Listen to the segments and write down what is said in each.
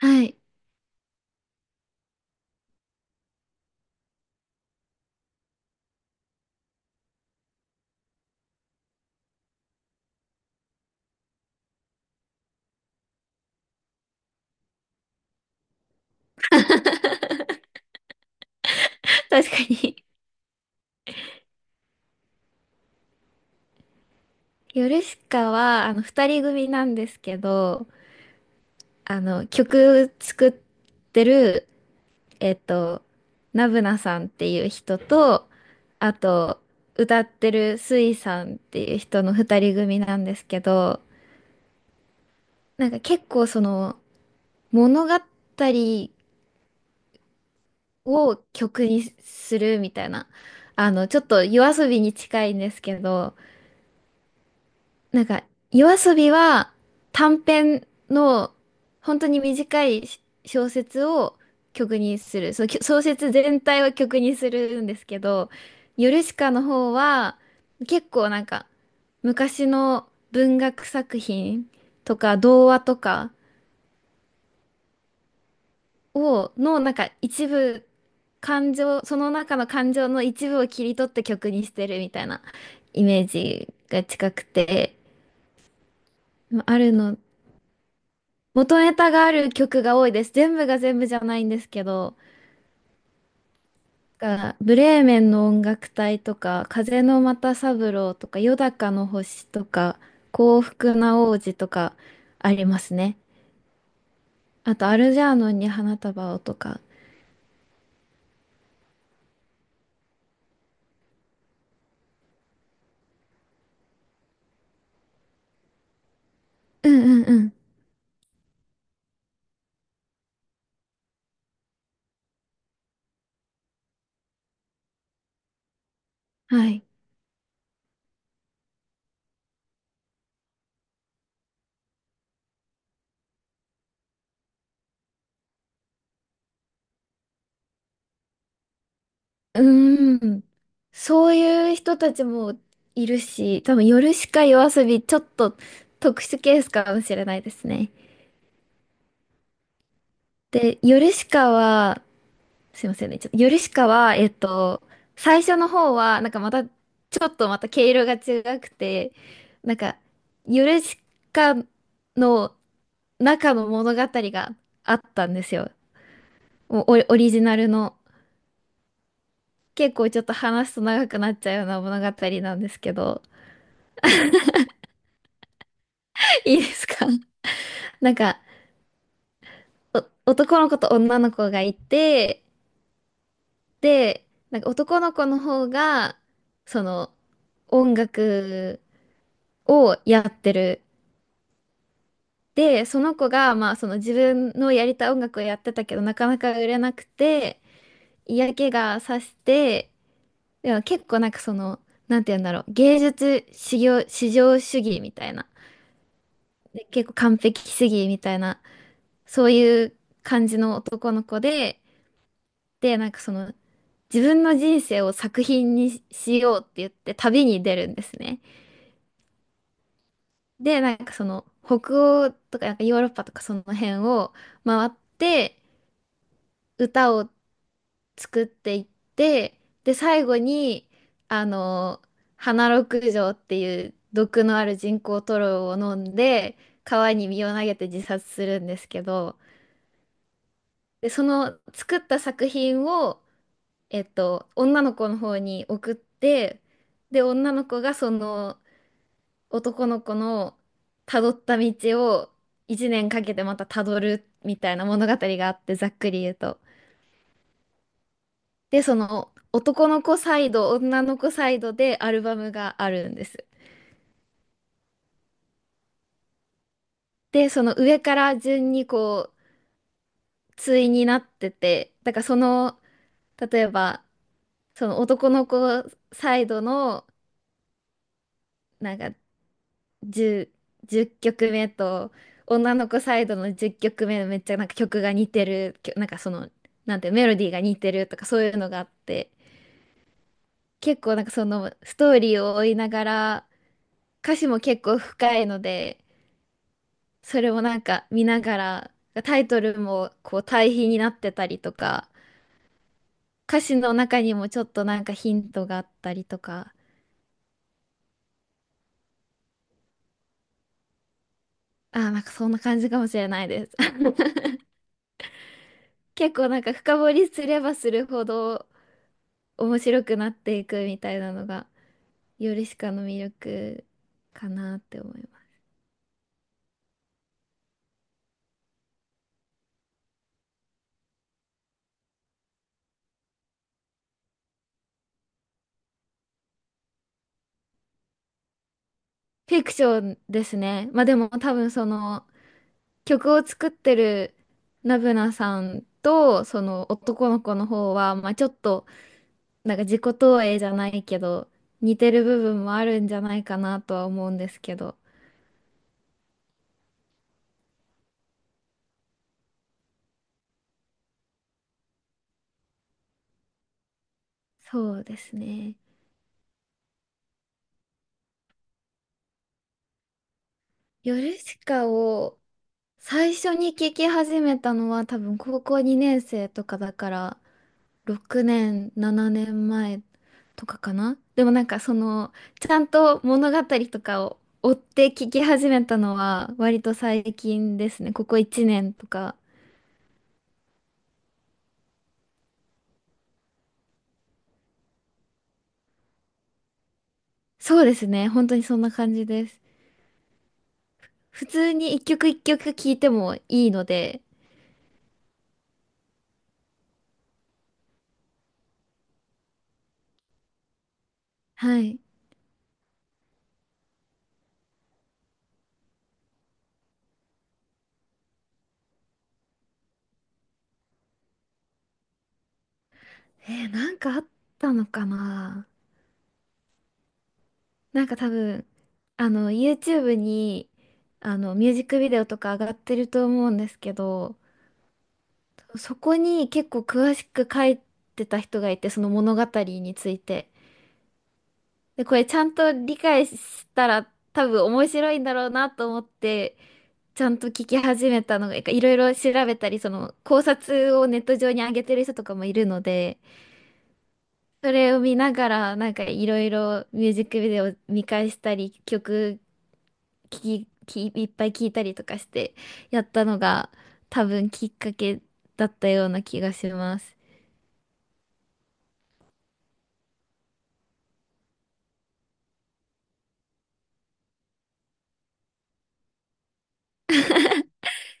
はい。確かに。ヨルシカは、二人組なんですけど、曲作ってる、えっと、ナブナさんっていう人と、あと、歌ってるスイさんっていう人の二人組なんですけど、なんか結構その、物語を曲にするみたいな、ちょっと夜遊びに近いんですけど、なんか、夜遊びは短編の本当に短いし小説を曲にする。その小説全体を曲にするんですけど、ヨルシカの方は結構なんか昔の文学作品とか童話とかのなんか一部感情、その中の感情の一部を切り取って曲にしてるみたいなイメージが近くて、まあるの元ネタがある曲が多いです。全部が全部じゃないんですけど、ブレーメンの音楽隊とか、風の又三郎とか、よだかの星とか、幸福な王子とかありますね。あと、アルジャーノンに花束をとか。うんうんうん。はい。うーん。そういう人たちもいるし、多分、夜しか夜遊び、ちょっと特殊ケースかもしれないですね。で、ヨルシカは、すいませんね。ちょっと、ヨルシカは、最初の方は、なんかまた、ちょっとまた毛色が違くて、なんか、ヨルシカの中の物語があったんですよ。もうオリジナルの。結構ちょっと話すと長くなっちゃうような物語なんですけど、いいですか？ なんか、男の子と女の子がいて、で、なんか男の子の方が、その、音楽をやってる。で、その子が、まあ、その自分のやりたい音楽をやってたけど、なかなか売れなくて、嫌気がさして、でも結構なんかその、なんて言うんだろう、芸術至上主義みたいな、で、結構完璧主義みたいな、そういう感じの男の子で、で、なんかその、自分の人生を作品にしようって言って旅に出るんですね。で、なんかその、北欧とか、なんかヨーロッパとかその辺を回って、歌を作っていって、で、最後に、あの、花六条っていう毒のある人工塗料を飲んで、川に身を投げて自殺するんですけど、で、その作った作品を、女の子の方に送って、で、女の子がその男の子の辿った道を1年かけてまた辿るみたいな物語があって、ざっくり言うと。で、その男の子サイド、女の子サイドでアルバムがあるんです。で、その上から順にこう、対になってて、だからその、例えば、その男の子サイドの、なんか10曲目と、女の子サイドの10曲目めっちゃなんか曲が似てる、なんかその、なんてメロディーが似てるとかそういうのがあって、結構なんかそのストーリーを追いながら、歌詞も結構深いので、それをなんか見ながら、タイトルもこう対比になってたりとか、歌詞の中にもちょっとなんかヒントがあったりとか、あーなんかそんな感じかもしれないです。結構なんか深掘りすればするほど面白くなっていくみたいなのが、ヨルシカの魅力かなって思います。フィクションですね。まあでも多分その曲を作ってるナブナさんとその男の子の方は、まあちょっとなんか自己投影じゃないけど、似てる部分もあるんじゃないかなとは思うんですけど。そうですね。ヨルシカを最初に聞き始めたのは多分高校2年生とかだから6年、7年前とかかな。でもなんかそのちゃんと物語とかを追って聞き始めたのは割と最近ですね。ここ1年とか。そうですね。本当にそんな感じです。普通に一曲一曲聴いてもいいので、はい。なんかあったのかな？なんか多分、YouTube に、ミュージックビデオとか上がってると思うんですけど、そこに結構詳しく書いてた人がいて、その物語について。で、これちゃんと理解したら多分面白いんだろうなと思って、ちゃんと聞き始めたのが、いろいろ調べたり、その考察をネット上に上げてる人とかもいるので、それを見ながら、なんかいろいろミュージックビデオ見返したり、曲聞き、き、いっぱい聞いたりとかしてやったのが多分きっかけだったような気がします。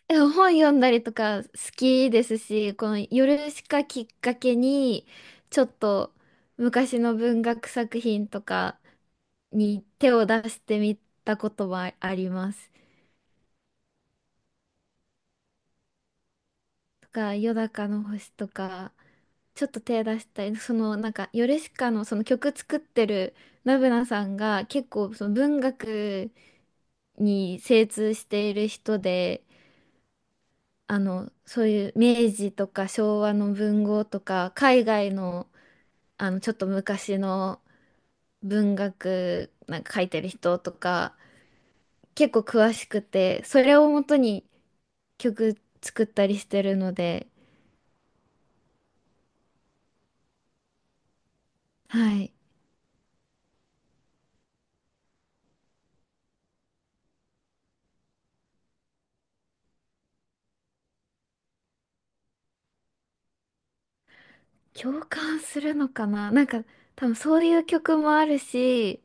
え、本読んだりとか好きですし、この夜しかきっかけに、ちょっと昔の文学作品とかに手を出してみたことはあります。とか、夜中の星とか、ちょっと手出したり、そのなんか、ヨルシカのその曲作ってるナブナさんが結構その文学に精通している人で、そういう明治とか昭和の文豪とか、海外の、ちょっと昔の文学なんか書いてる人とか、結構詳しくて、それをもとに曲作ったりしてるので、はい。共感するのかな？なんか多分そういう曲もあるし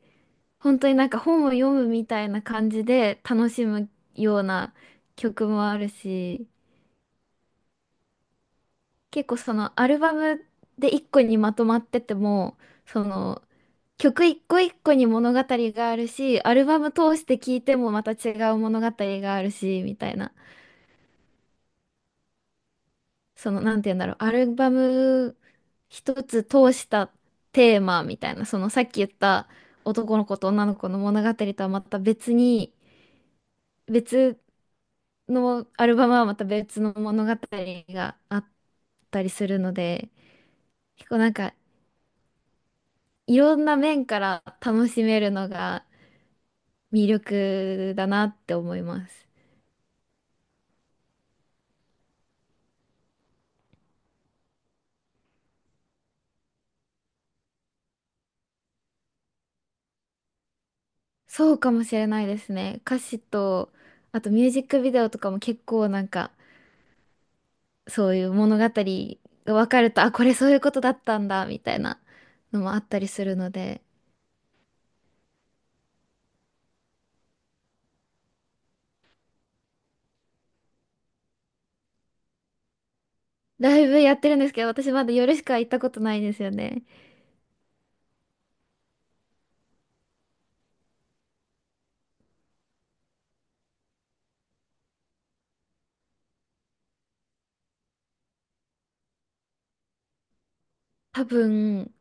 本当になんか本を読むみたいな感じで楽しむような曲もあるし結構そのアルバムで一個にまとまっててもその曲一個一個に物語があるしアルバム通して聴いてもまた違う物語があるしみたいな、その、なんて言うんだろう、アルバム一つ通したテーマみたいな、そのさっき言った男の子と女の子の物語とはまた別に、別のアルバムはまた別の物語があったりするので、結構なんかいろんな面から楽しめるのが魅力だなって思います。そうかもしれないですね。歌詞と、あとミュージックビデオとかも結構なんか、そういう物語が分かると、あ、これそういうことだったんだ、みたいなのもあったりするので、ライブやってるんですけど、私まだ夜しか行ったことないんですよね。多分、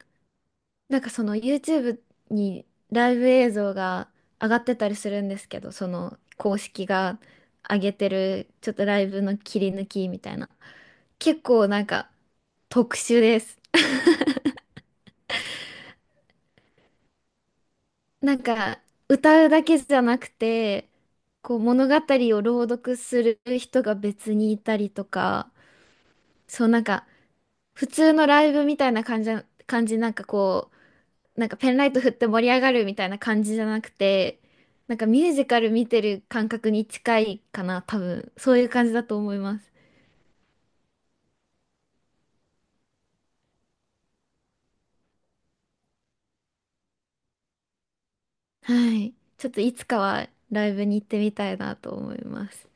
なんかその YouTube にライブ映像が上がってたりするんですけど、その公式が上げてる、ちょっとライブの切り抜きみたいな。結構なんか特殊です。なんか歌うだけじゃなくてこう物語を朗読する人が別にいたりとか、そうなんか普通のライブみたいな感じなんかこうなんかペンライト振って盛り上がるみたいな感じじゃなくてなんかミュージカル見てる感覚に近いかな、多分そういう感じだと思います。はい。ちょっといつかはライブに行ってみたいなと思います。